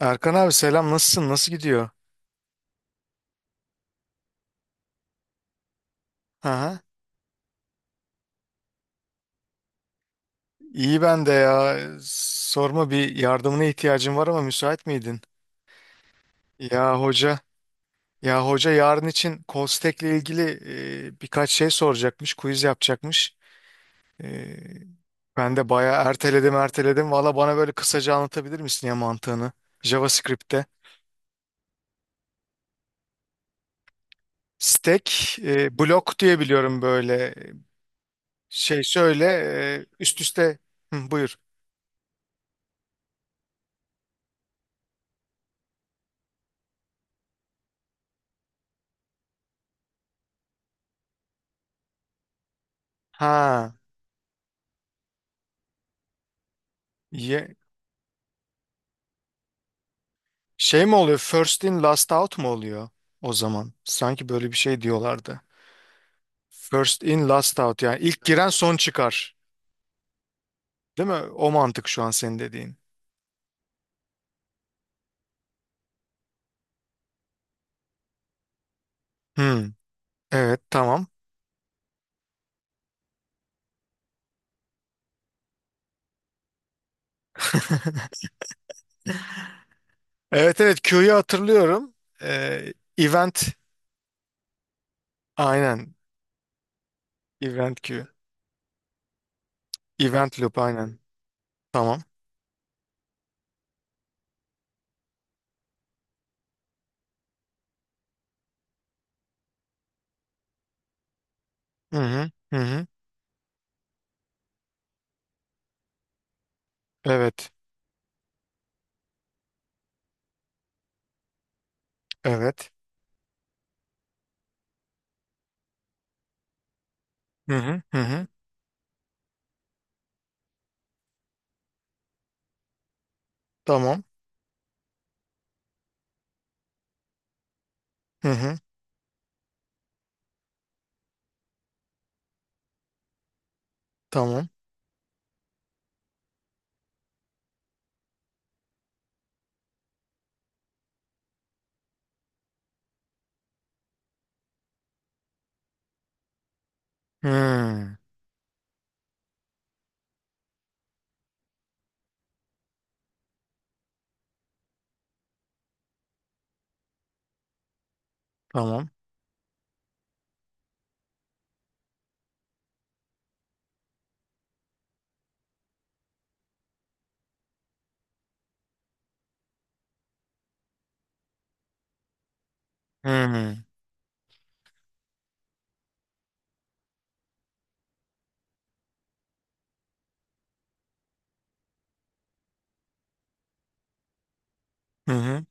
Erkan abi selam, nasılsın, nasıl gidiyor? Aha. İyi, ben de ya, sorma, bir yardımına ihtiyacım var ama müsait miydin? Ya hoca, ya hoca yarın için Kostek'le ilgili birkaç şey soracakmış, quiz yapacakmış. E, Ben de bayağı erteledim, valla bana böyle kısaca anlatabilir misin ya mantığını, JavaScript'te? Stack, blok diye biliyorum böyle, şey şöyle, üst üste. Hı, buyur. Ha. Ye, şey mi oluyor? First in last out mu oluyor o zaman? Sanki böyle bir şey diyorlardı. First in last out, yani ilk giren son çıkar. Değil mi? O mantık şu an senin dediğin. Hmm, evet, tamam. Evet evet, Q'yu hatırlıyorum. Event aynen. Event Q. Event loop aynen. Tamam. Hı hı hı hı. Evet. Evet. Hı hı hı hı. Tamam. Hı hı. Tamam. Hmm, tamam. Hı hı hı hı.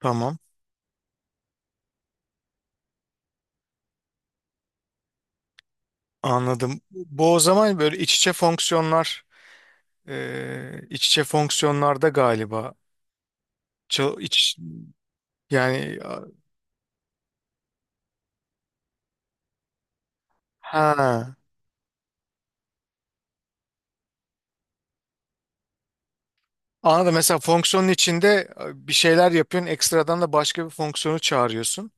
Tamam. Anladım. Bu o zaman böyle iç içe fonksiyonlar, iç içe fonksiyonlarda galiba. Çal- iç, yani a- ha. Anladım. Mesela fonksiyonun içinde bir şeyler yapıyorsun, ekstradan da başka bir fonksiyonu çağırıyorsun.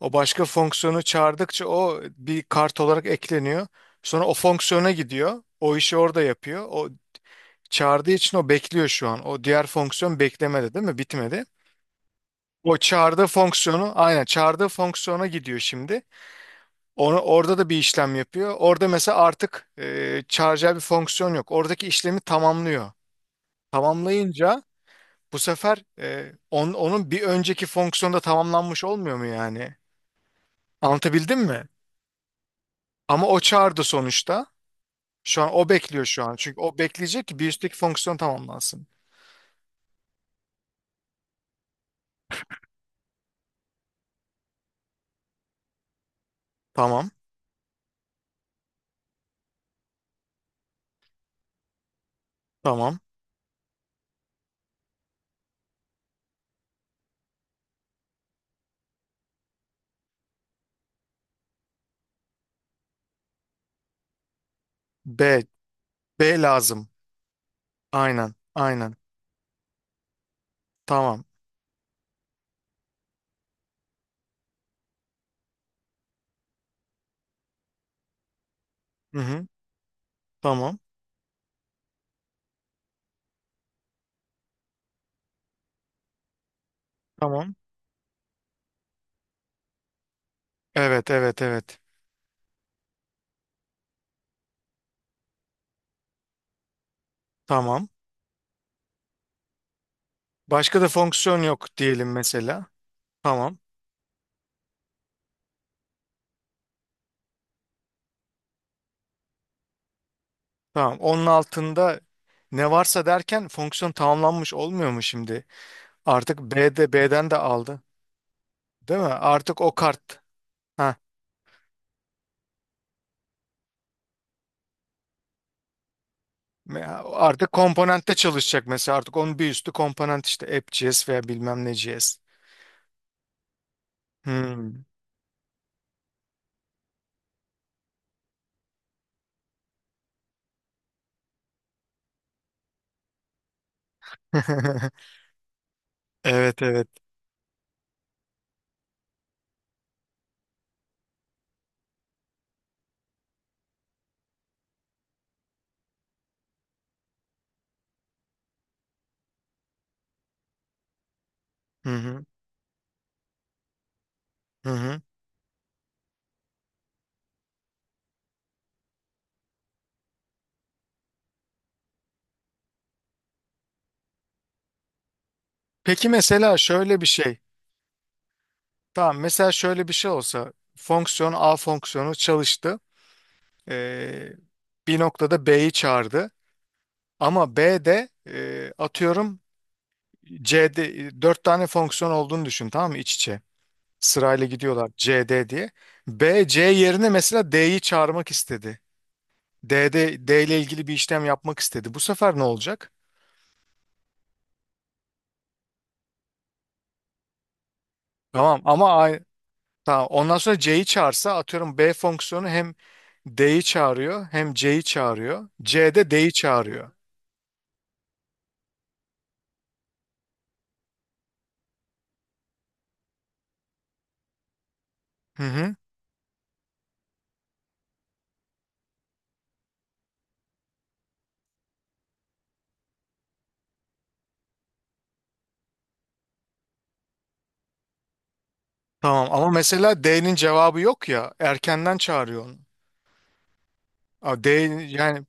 O başka fonksiyonu çağırdıkça o bir kart olarak ekleniyor. Sonra o fonksiyona gidiyor. O işi orada yapıyor. O çağırdığı için o bekliyor şu an. O diğer fonksiyon beklemedi, değil mi? Bitmedi. O çağırdığı fonksiyonu, aynen çağırdığı fonksiyona gidiyor şimdi. Onu, orada da bir işlem yapıyor. Orada mesela artık çağıracağı bir fonksiyon yok. Oradaki işlemi tamamlıyor. Tamamlayınca bu sefer onun bir önceki fonksiyonda tamamlanmış olmuyor mu yani? Anlatabildim mi? Ama o çağırdı sonuçta. Şu an o bekliyor şu an. Çünkü o bekleyecek ki bir üstteki fonksiyon tamamlansın. Tamam, tamam. B, B lazım. Aynen, aynen. Tamam. Hı hı, tamam, tamam. Evet, evet, evet. Tamam. Başka da fonksiyon yok diyelim mesela. Tamam. Tamam. Onun altında ne varsa derken fonksiyon tamamlanmış olmuyor mu şimdi? Artık B'de, B'den de aldı. Değil mi? Artık o kart. Ha. Me- artık komponentte çalışacak mesela. Artık onun bir üstü komponent, işte app.js veya bilmem ne JS. Hmm. Evet evet. Hı hı. Hı hı. Peki mesela şöyle bir şey. Tamam, mesela şöyle bir şey olsa, fonksiyon A fonksiyonu çalıştı. Ee, bir noktada B'yi çağırdı. Ama B'de, atıyorum C'de, 4 tane fonksiyon olduğunu düşün, tamam mı, iç içe. Sırayla gidiyorlar, C D diye. B, C yerine mesela D'yi çağırmak istedi. D'de D ile ilgili bir işlem yapmak istedi. Bu sefer ne olacak? Tamam ama ay- tamam. Ondan sonra C'yi çağırsa, atıyorum B fonksiyonu hem D'yi çağırıyor hem C'yi çağırıyor. C'de D'yi çağırıyor. Hı hı. Tamam ama mesela D'nin cevabı yok ya, erkenden çağırıyor onu. A, D yani,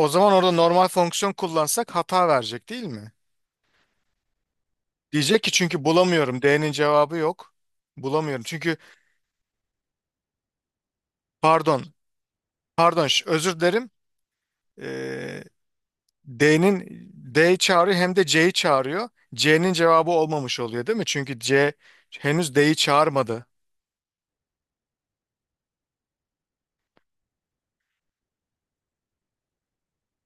o zaman orada normal fonksiyon kullansak hata verecek değil mi? Diyecek ki çünkü bulamıyorum. D'nin cevabı yok. Bulamıyorum. Çünkü pardon, pardon ş- özür dilerim. Ee, D'nin, D'yi çağırıyor hem de C'yi çağırıyor. C'nin cevabı olmamış oluyor değil mi? Çünkü C henüz D'yi çağırmadı.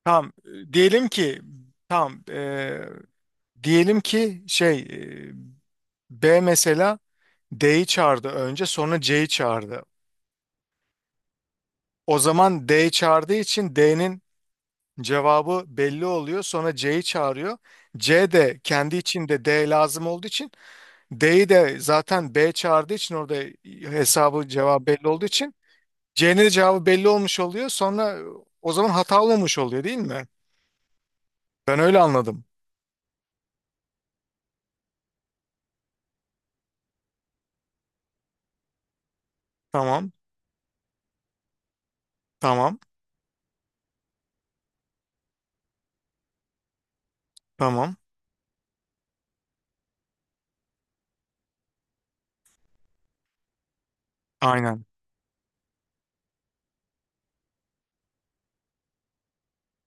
Tamam. Diyelim ki tamam. Diyelim ki şey, B mesela D'yi çağırdı önce, sonra C'yi çağırdı. O zaman D çağırdığı için D'nin cevabı belli oluyor. Sonra C'yi çağırıyor. C de kendi içinde D lazım olduğu için, D'yi de zaten B çağırdığı için, orada hesabı cevabı belli olduğu için C'nin de cevabı belli olmuş oluyor. Sonra o zaman hata olmamış oluyor değil mi? Ben öyle anladım. Tamam. Tamam. Tamam. Aynen.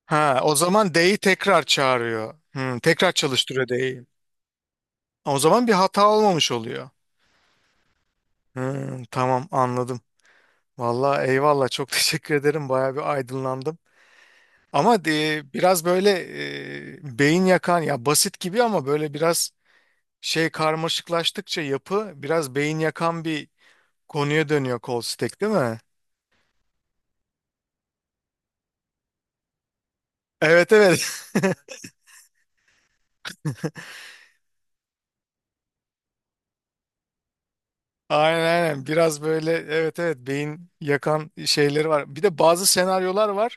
Ha, o zaman D'yi tekrar çağırıyor. Hmm, tekrar çalıştırıyor D'yi. O zaman bir hata olmamış oluyor. Hmm, tamam, anladım. Vallahi eyvallah, çok teşekkür ederim. Bayağı bir aydınlandım. Ama de, biraz böyle beyin yakan ya, basit gibi ama böyle biraz şey, karmaşıklaştıkça yapı biraz beyin yakan bir konuya dönüyor kol stack, değil mi? Evet evet. Aynen aynen. Biraz böyle, evet evet, beyin yakan şeyleri var. Bir de bazı senaryolar var.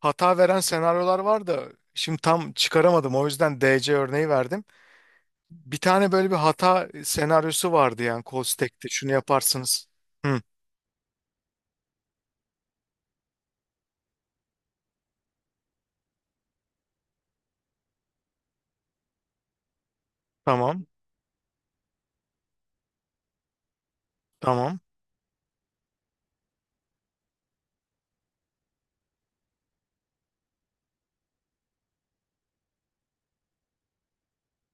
Hata veren senaryolar var da şimdi tam çıkaramadım. O yüzden DC örneği verdim. Bir tane böyle bir hata senaryosu vardı yani kol stack'te. Şunu yaparsınız. Hı, tamam. Tamam.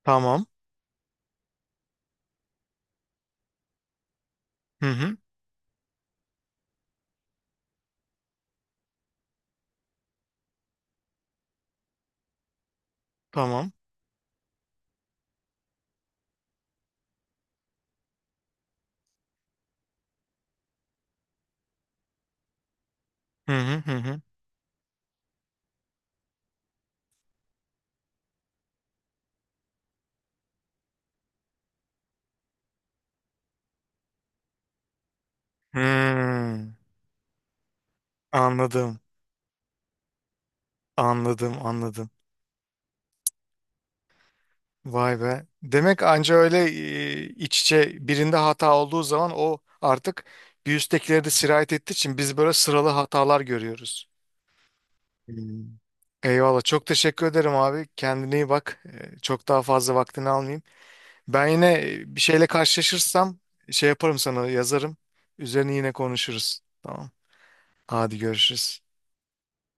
Tamam. Hı hı. Tamam. Hı hı hı hı. Hmm. Anladım. Anladım, anladım. Vay be. Demek anca öyle iç içe birinde hata olduğu zaman, o artık bir üsttekileri de sirayet ettiği için biz böyle sıralı hatalar görüyoruz. Hmm. Eyvallah. Çok teşekkür ederim abi. Kendine iyi bak. Çok daha fazla vaktini almayayım. Ben yine bir şeyle karşılaşırsam şey yaparım, sana yazarım. Üzerine yine konuşuruz. Tamam. Hadi görüşürüz.